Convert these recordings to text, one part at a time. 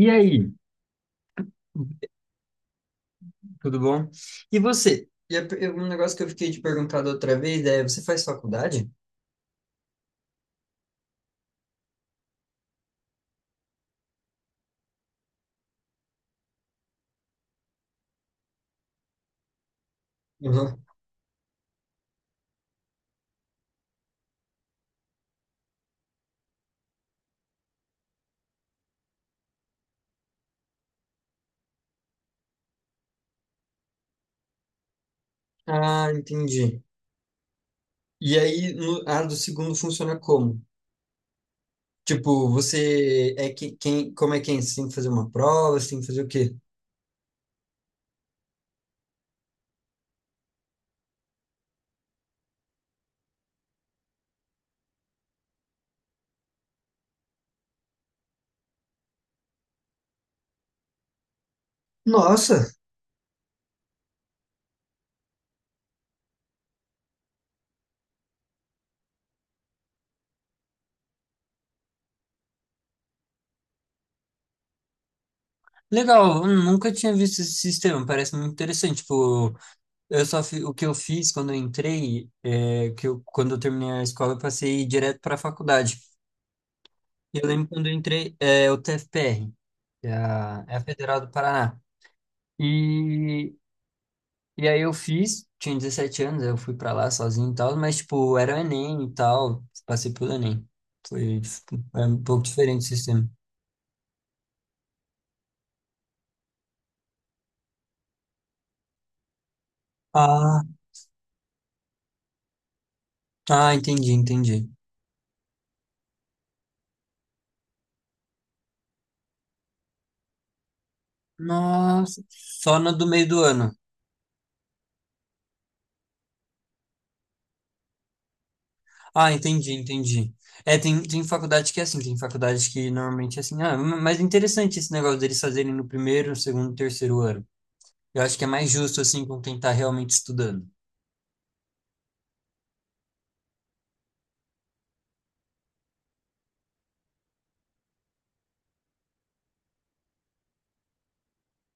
E aí? Tudo bom? E você? Um negócio que eu fiquei te perguntado outra vez é, você faz faculdade? Uhum. Ah, entendi. E aí, no, a do segundo funciona como? Tipo, você é que, quem, como é quem? Você tem que fazer uma prova, você tem que fazer o quê? Nossa, legal, eu nunca tinha visto esse sistema, parece muito interessante. Tipo, o que eu fiz quando eu entrei, que eu, quando eu terminei a escola, eu passei direto para a faculdade. Eu lembro quando eu entrei, o TFPR, que é a Federal do Paraná. E, e aí eu fiz, tinha 17 anos, eu fui pra lá sozinho e tal, mas, tipo, era o Enem e tal, passei pelo Enem. Foi, tipo, é um pouco diferente o sistema. Ah, ah, entendi, entendi. Nossa, só no do meio do ano. Ah, entendi, entendi. É, tem faculdade que é assim, tem faculdade que normalmente é assim. Ah, mas interessante esse negócio deles fazerem no primeiro, segundo, terceiro ano. Eu acho que é mais justo, assim, com quem tá realmente estudando.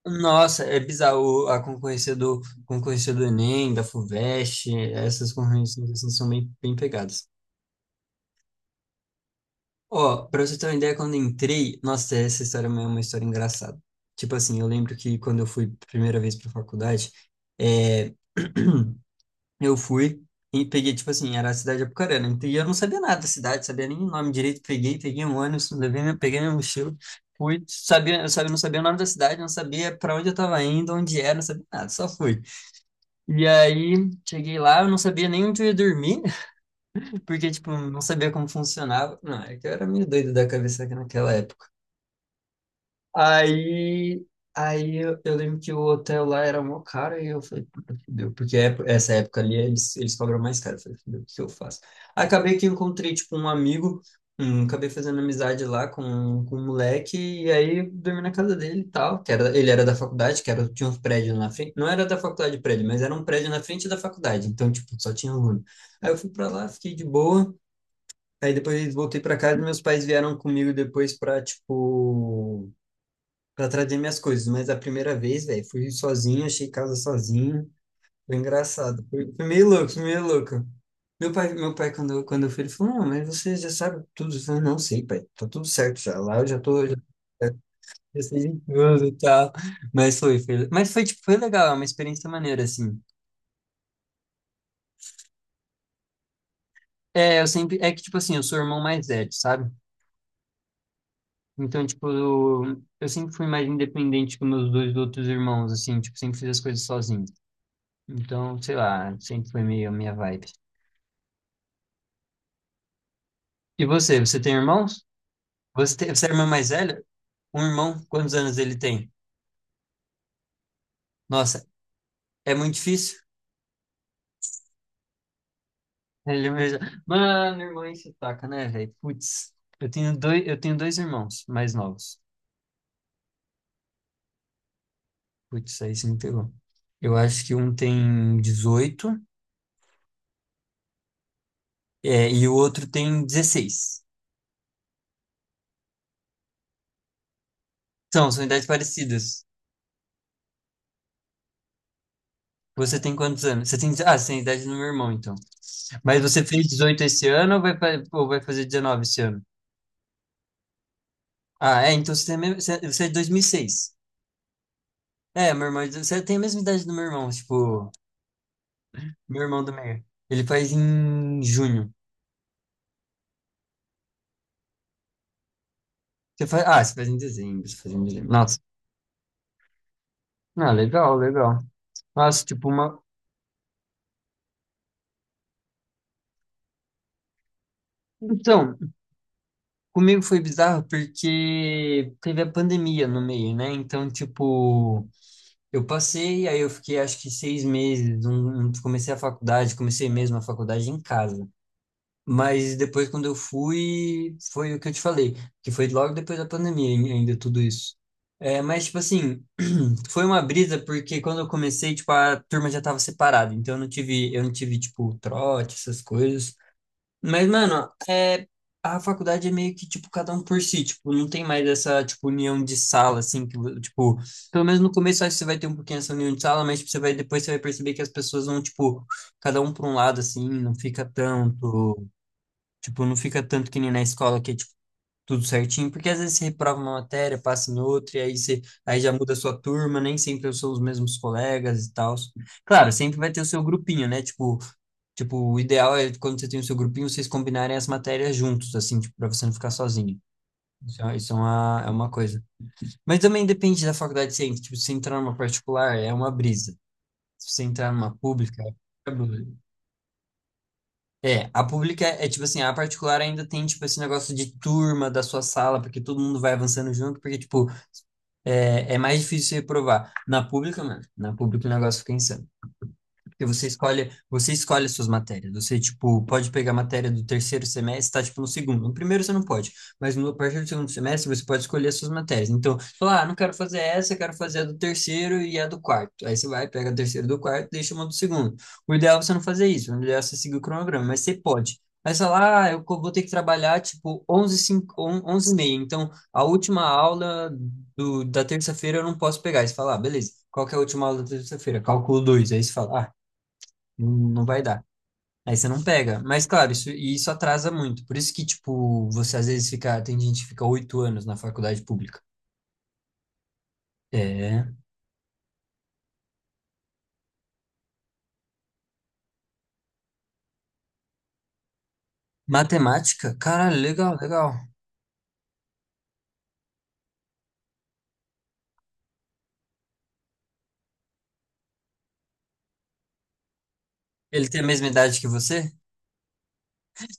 Nossa, é bizarro a concorrência do Enem, da FUVEST, essas concorrências assim, são bem, bem pegadas. Ó, pra você ter uma ideia, quando eu entrei, nossa, essa história é uma história engraçada. Tipo assim, eu lembro que quando eu fui primeira vez pra faculdade, é, eu fui e peguei, tipo assim, era a cidade de Apucarana, e eu não sabia nada da cidade, sabia nem o nome direito, peguei um ônibus, levei, peguei minha mochila, fui, não sabia o nome da cidade, não sabia pra onde eu tava indo, onde era, não sabia nada, só fui. E aí, cheguei lá, eu não sabia nem onde eu ia dormir, porque, tipo, não sabia como funcionava. Não, é que eu era meio doido da cabeça naquela época. Aí, aí eu lembro que o hotel lá era mó caro e eu falei, puta, fudeu. Porque essa época ali eles cobram mais caro. Eu falei, fudeu, o que eu faço? Aí acabei que encontrei, tipo, um amigo, acabei fazendo amizade lá com um moleque e aí dormi na casa dele e tal. Que era, ele era da faculdade, que era, tinha uns prédios na frente. Não era da faculdade prédio, mas era um prédio na frente da faculdade. Então, tipo, só tinha aluno. Aí eu fui pra lá, fiquei de boa. Aí depois voltei pra casa e meus pais vieram comigo depois pra, tipo pra trazer minhas coisas. Mas a primeira vez, velho, fui sozinho, achei casa sozinho. Foi engraçado. Foi meio louco, foi meio louco. Meu pai quando, quando eu fui, ele falou, não, mas você já sabe tudo. Eu falei, não sei, pai, tá tudo certo já. Lá eu já tô, já sei de tudo e tal. Mas foi, tipo, foi legal, é uma experiência maneira, assim. É, é que, tipo assim, eu sou o irmão mais velho, sabe? Então, tipo, eu sempre fui mais independente que meus dois outros irmãos, assim, tipo, sempre fiz as coisas sozinho. Então, sei lá, sempre foi meio a minha vibe. E você, você tem irmãos? Você é a irmã mais velha? Um irmão, quantos anos ele tem? Nossa, é muito difícil. Ele mesmo... Mano, irmão enche o taco, né, velho? Putz, eu tenho dois irmãos mais novos. Putz, aí você me pegou. Eu acho que um tem 18 e o outro tem 16. São idades parecidas. Você tem quantos anos? Você tem, ah, você tem a idade do meu irmão, então. Mas você fez 18 esse ano ou vai, ou vai fazer 19 esse ano? Ah, é, então você, você é de 2006. É, meu irmão, você tem a mesma idade do meu irmão, tipo, meu irmão do meio. Ele faz em junho. Você faz em dezembro, você faz em dezembro. Nossa, ah, legal, legal. Nossa, tipo, uma... Então, comigo foi bizarro porque teve a pandemia no meio, né? Então, tipo, eu passei, aí eu fiquei acho que 6 meses, comecei a faculdade, comecei mesmo a faculdade em casa. Mas depois, quando eu fui, foi o que eu te falei, que foi logo depois da pandemia ainda tudo isso. É, mas, tipo assim, foi uma brisa porque quando eu comecei, tipo, a turma já tava separada, então eu não tive, tipo, trote, essas coisas. Mas, mano, a faculdade é meio que, tipo, cada um por si, tipo, não tem mais essa, tipo, união de sala, assim, que, tipo, pelo menos no começo acho que você vai ter um pouquinho essa união de sala, mas tipo, você vai, depois você vai perceber que as pessoas vão, tipo, cada um pra um lado, assim, não fica tanto. Tipo, não fica tanto que nem na escola que é tipo tudo certinho, porque às vezes você reprova uma matéria, passa em outra, e aí você aí já muda a sua turma, nem sempre são os mesmos colegas e tal. Claro, sempre vai ter o seu grupinho, né? Tipo, o ideal é quando você tem o seu grupinho, vocês combinarem as matérias juntos, assim, tipo, para você não ficar sozinho. Isso é uma coisa. Mas também depende da faculdade que você entra. Tipo, se você entrar numa particular, é uma brisa. Se você entrar numa pública, é, a pública é, tipo assim, a particular ainda tem tipo esse negócio de turma da sua sala, porque todo mundo vai avançando junto, porque tipo, é mais difícil você provar. Na pública, mano, na pública o negócio fica insano. Porque você escolhe as suas matérias. Você, tipo, pode pegar a matéria do terceiro semestre, tá, tipo, no segundo. No primeiro você não pode, mas no, a partir do segundo semestre você pode escolher as suas matérias. Então, falar ah, não quero fazer essa, eu quero fazer a do terceiro e a do quarto. Aí você vai, pega a terceira do quarto, deixa uma do segundo. O ideal é você não fazer isso, o ideal é você seguir o cronograma, mas você pode. Aí você fala, ah, vou ter que trabalhar, tipo, 11 5, 11 e meia. Então, a última aula da terça-feira eu não posso pegar. Aí você fala, ah, beleza. Qual que é a última aula da terça-feira? Cálculo 2. Aí você fala, ah, não, não vai dar. Aí você não pega. Mas, claro, isso, e isso atrasa muito. Por isso que, tipo, você às vezes fica. Tem gente que fica 8 anos na faculdade pública. É. Matemática? Caralho, legal, legal. Ele tem a mesma idade que você?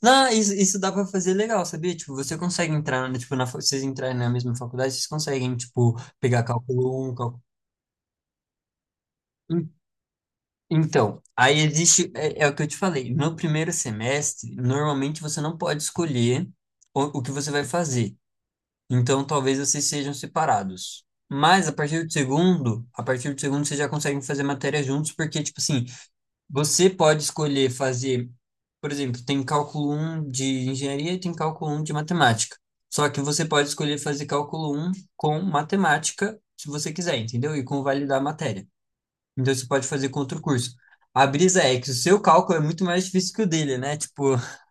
Não, isso dá pra fazer legal, sabia? Tipo, você consegue entrar, né, tipo, vocês entrarem na mesma faculdade, vocês conseguem, tipo, pegar cálculo 1, cálculo... En- Então, aí existe, é o que eu te falei, no primeiro semestre, normalmente você não pode escolher o que você vai fazer. Então talvez vocês sejam separados. Mas a partir do segundo vocês já conseguem fazer matéria juntos, porque, tipo assim, você pode escolher fazer, por exemplo, tem cálculo um de engenharia e tem cálculo um de matemática. Só que você pode escolher fazer cálculo um com matemática, se você quiser, entendeu? E com validar a matéria. Então você pode fazer com outro curso. A brisa é que o seu cálculo é muito mais difícil que o dele, né? Tipo,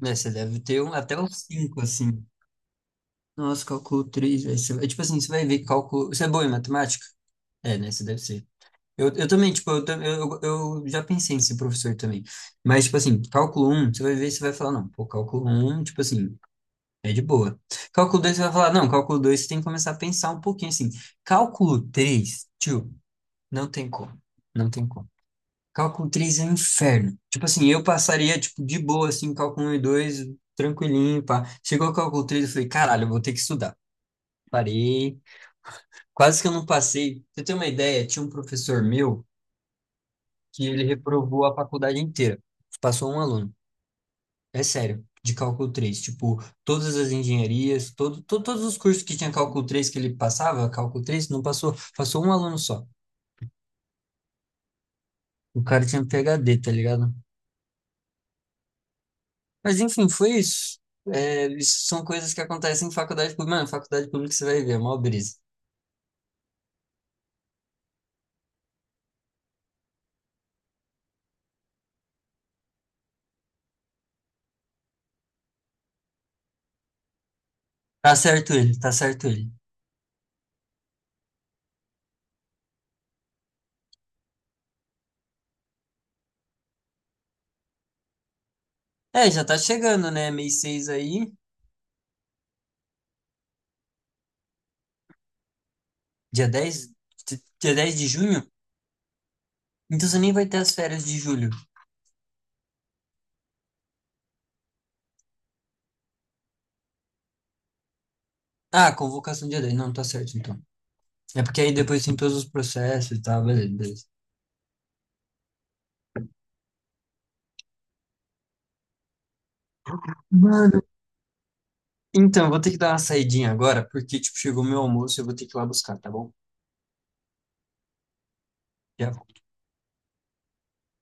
né, você deve ter um, até uns 5 assim. Nossa, cálculo 3 velho. Tipo assim, você vai ver cálculo. Você é boa em matemática? É, né? Você deve ser. Eu também, tipo, eu já pensei em ser professor também. Mas, tipo assim, cálculo um você vai ver, você vai falar, não, pô, cálculo um tipo assim, é de boa. Cálculo 2 você vai falar, não, cálculo 2 você tem que começar a pensar um pouquinho assim. Cálculo 3 tio, não tem como. Não tem como. Cálculo 3 é um inferno. Tipo assim, eu passaria, tipo, de boa, assim, cálculo um e 2 tranquilinho, pá. Chegou o cálculo 3 eu falei, caralho, eu vou ter que estudar. Parei. Quase que eu não passei. Pra você tem uma ideia? Tinha um professor meu que ele reprovou a faculdade inteira. Passou um aluno. É sério, de cálculo 3. Tipo, todas as engenharias, todos os cursos que tinha cálculo 3 que ele passava, cálculo 3 não passou, passou um aluno só. O cara tinha PhD, tá ligado? Mas enfim, foi isso. É, isso são coisas que acontecem em faculdade pública. Mano, faculdade pública você vai ver, é mó brisa. Tá certo ele, tá certo ele. É, já tá chegando, né? Mês 6 aí, dia 10, dia 10 de junho. Então você nem vai ter as férias de julho. Ah, convocação dia 10. Não, tá certo então. É porque aí depois tem todos os processos e tal, beleza, beleza. Mano, então, vou ter que dar uma saidinha agora, porque, tipo, chegou meu almoço e eu vou ter que ir lá buscar, tá bom? Já